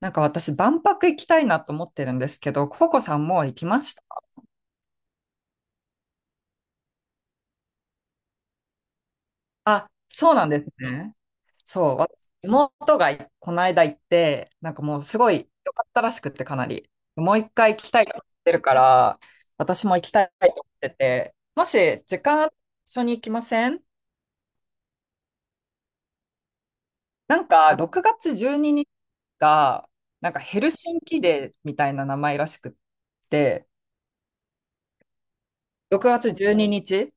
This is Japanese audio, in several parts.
なんか私、万博行きたいなと思ってるんですけど、ココさんもう行きました？あ、そうなんですね。そう、私、妹がこの間行って、なんかもうすごい良かったらしくって、かなり。もう一回行きたいと思ってるから、私も行きたいと思ってて、もし時間ある？一緒に行きません？なんか、6月12日が、なんかヘルシンキデーみたいな名前らしくって、6月12日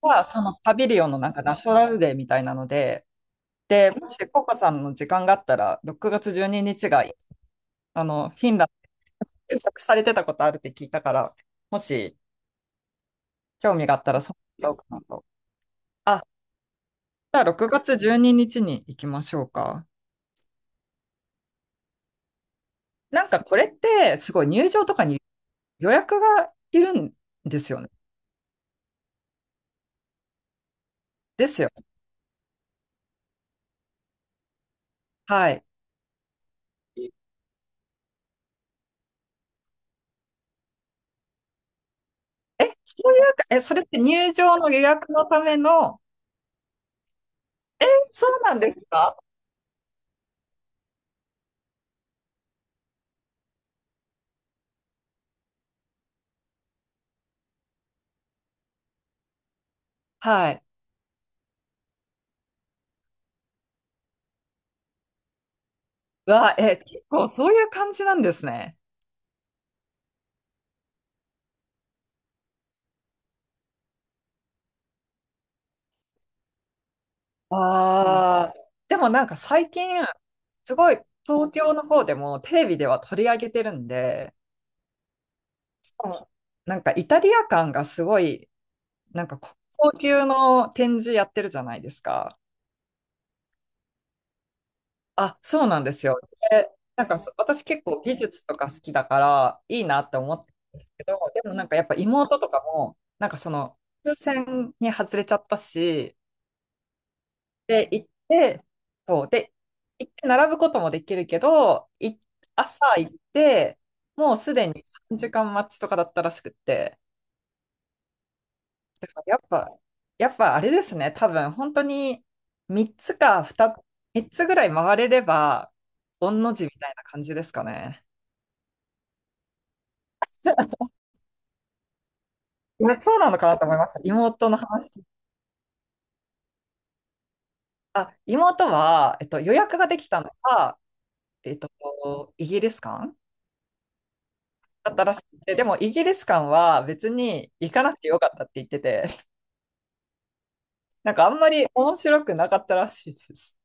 はそのパビリオンのなんかナショナルデーみたいなので、で、もし、ココさんの時間があったら、6月12日が、あの、フィンランド検索されてたことあるって聞いたから、もし、興味があったら、そうだろうかなと。あ、じゃあ、6月12日ににちに行きましょうか。なんか、これって、すごい入場とかに予約がいるんですよね。ですよね。はい。え、そういうか、え、それって入場の予約のための、え、そうなんですか？はい。うわ、え、結構そういう感じなんですね。ああ、でもなんか最近、すごい東京の方でもテレビでは取り上げてるんで、しかもなんかイタリア感がすごい、なんか高級の展示やってるじゃないですか。あ、そうなんですよ。で、なんかそ私結構美術とか好きだからいいなって思ってるんですけど、でもなんかやっぱ妹とかも、なんかその、風船に外れちゃったし、で、行って、そう、で、行って並ぶこともできるけど、朝行って、もうすでに3時間待ちとかだったらしくって、だからやっぱ、やっぱあれですね、多分本当に3つか2、3つぐらい回れれば、御の字みたいな感じですかね。いやそうなのかなと思いました。妹の話。あ、妹は、予約ができたのが、イギリス館だったらしくて、でもイギリス館は別に行かなくてよかったって言ってて、なんかあんまり面白くなかったらしいです。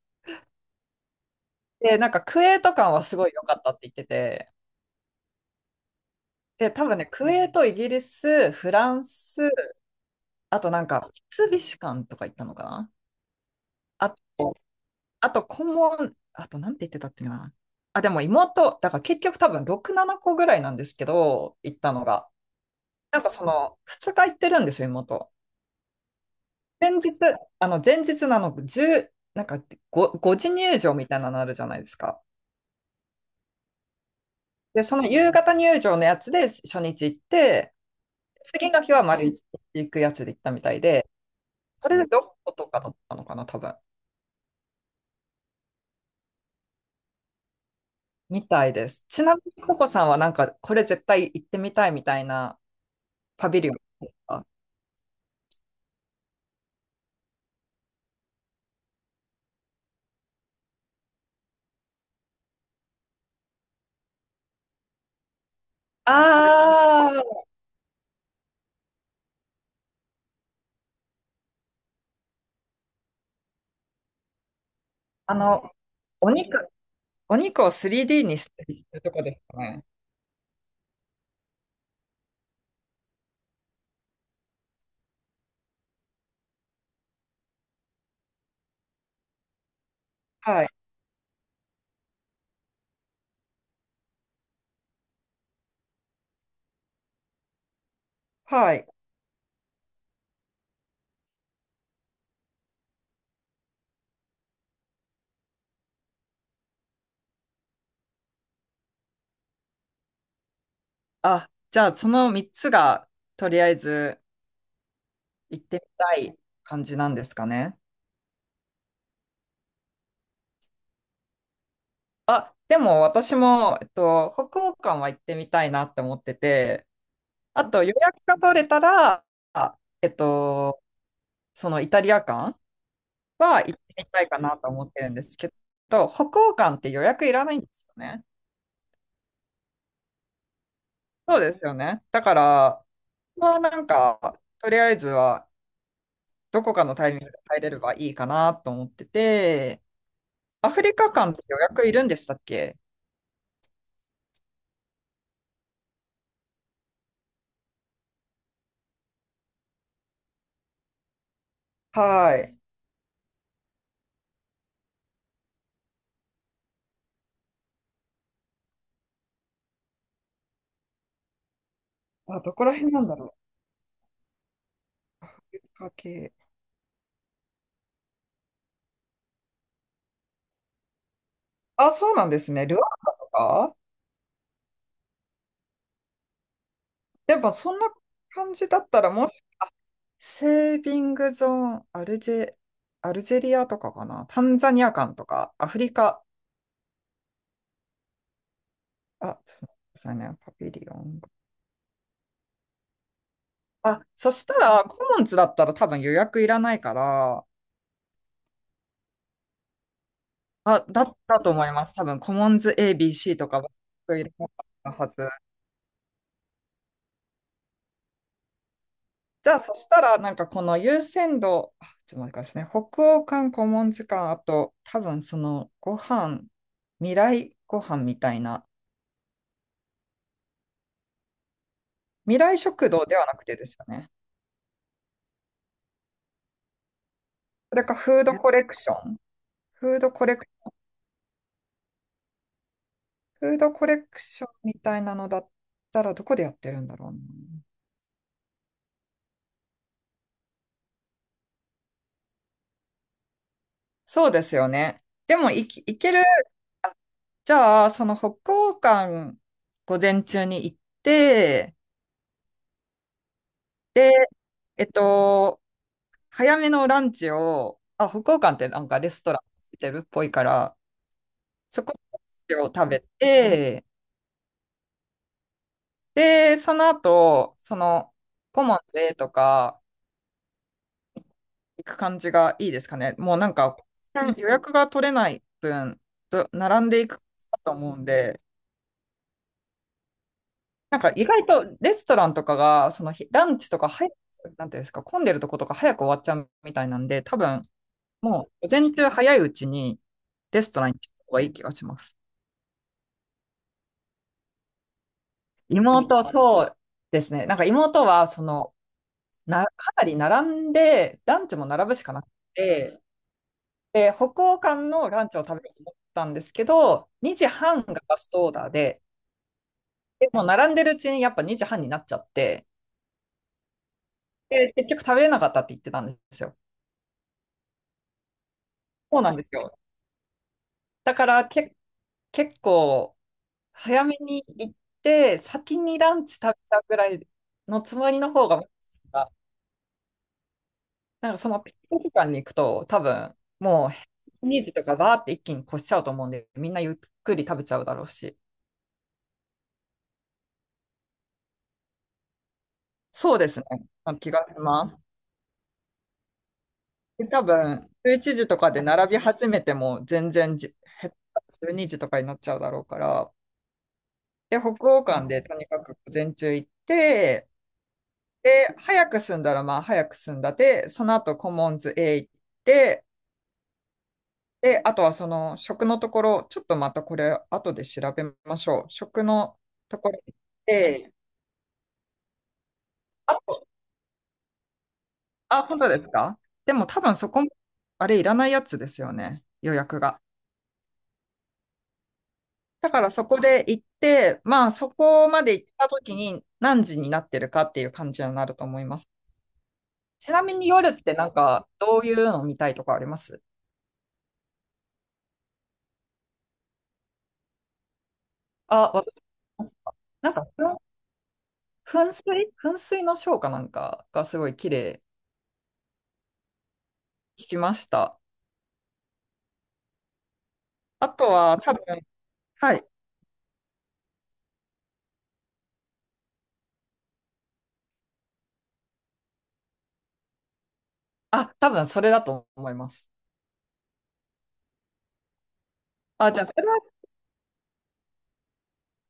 で、なんかクウェート館はすごい良かったって言ってて、で、多分ね、クウェート、イギリス、フランス、あとなんか三菱館とか行ったのかな？あ、あとコモ問、あとなんて言ってたっけな。あ、でも妹、だから結局多分6、7個ぐらいなんですけど、行ったのが。なんかその2日行ってるんですよ、妹。前日、あの、前日なの、10、なんか5時入場みたいなのあるじゃないですか。で、その夕方入場のやつで初日行って、次の日は丸一日行くやつで行ったみたいで、それで6個とかだったのかな、多分。みたいです。ちなみに、ココさんはなんか、これ絶対行ってみたいみたいなパビリオンですか？ああー、あの、お肉、お肉を 3D にしてるとこですかね。はい。はい。あ、じゃあ、その3つが、とりあえず、行ってみたい感じなんですかね。あ、でも私も、北欧館は行ってみたいなって思ってて、あと予約が取れたら、あえっと、そのイタリア館は行ってみたいかなと思ってるんですけど、北欧館って予約いらないんですよね。そうですよね。だから、まあなんか、とりあえずはどこかのタイミングで入れればいいかなと思ってて、アフリカ館って予約いるんでしたっけ？はい。あ、どこら辺なんだろう。かけあ、そうなんですね。ルワンダとか？でも、そんな感じだったら、もう、セービングゾーン、アルジェ、アルジェリアとかかな。タンザニア館とか、アフリカ。あ、すみませね。パビリオン。あ、そしたら、コモンズだったら多分予約いらないから、あ、だったと思います。多分、コモンズ ABC とかは予約いらなかったはず。じゃあ、そしたら、なんかこの優先度、ちょっと待ってくださいね。北欧館、古文図鑑、あと、多分その、ご飯、未来ご飯みたいな、未来食堂ではなくてですよね。それか、フードコレクション。フードコレク、フードコレクションみたいなのだったら、どこでやってるんだろうな。そうですよね。でも、いける。あ、じゃあ、その北欧館、午前中に行って、で、えっと、早めのランチを、あ、北欧館ってなんかレストランついてるっぽいから、そこでランチを食べて、で、その後、その、コモンズとか行く感じがいいですかね。もうなんか、予約が取れない分、並んでいくと思うんで、なんか意外とレストランとかが、その日ランチとか早く、なんていうんですか、混んでるとことか早く終わっちゃうみたいなんで、多分、もう、午前中早いうちにレストランに行った方がいい気がします。妹、そうですね。なんか妹は、その、かなり並んで、ランチも並ぶしかなくて、で、北欧館のランチを食べようと思ったんですけど、2時半がラストオーダーで、でもう並んでるうちにやっぱ2時半になっちゃって、で、結局食べれなかったって言ってたんですよ。そうなんですよ。だからけ、結構、早めに行って、先にランチ食べちゃうぐらいのつもりの方が、なんかそのピーク時間に行くと、多分もう2時とかバーって一気に越しちゃうと思うんで、みんなゆっくり食べちゃうだろうし。そうですね。まあ気がします。で多分、11時とかで並び始めても全然減った12時とかになっちゃうだろうから。で、北欧館でとにかく午前中行って、で、早く済んだらまあ早く済んだで、その後コモンズへ行って、で、あとはその食のところ、ちょっとまたこれ後で調べましょう。食のところで、あ、あ、本当ですか？でも多分そこも、あれいらないやつですよね、予約が。だからそこで行って、まあそこまで行った時に何時になってるかっていう感じになると思います。ちなみに夜ってなんかどういうの見たいとかあります？あ、私、なんか噴水のショーかなんかがすごい綺麗聞きました。あとは多分、はい。あ、多分それだと思います。あ、じゃあ、それは、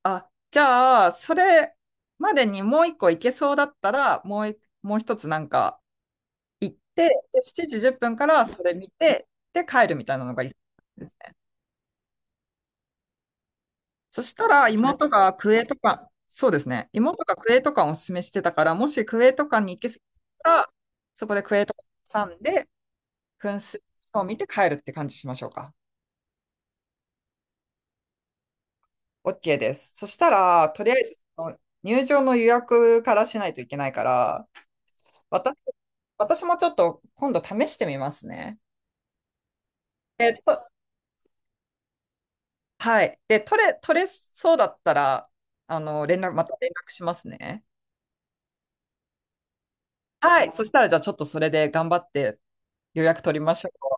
あ、じゃあ、それまでにもう一個行けそうだったら、もう一つなんか行って、で、7時10分からそれ見て、で、帰るみたいなのがいいですね。そしたら、妹がクエとか、そうですね。妹がクエとかをおすすめしてたから、もしクエとかに行けそうだったら、そこでクエとか挟んで、噴水を見て帰るって感じしましょうか。OK です。そしたら、とりあえずその入場の予約からしないといけないから、私、私もちょっと今度試してみますね。えっと、はい。で、取れそうだったら、あの、また連絡しますね。はい。そしたら、じゃあちょっとそれで頑張って予約取りましょう。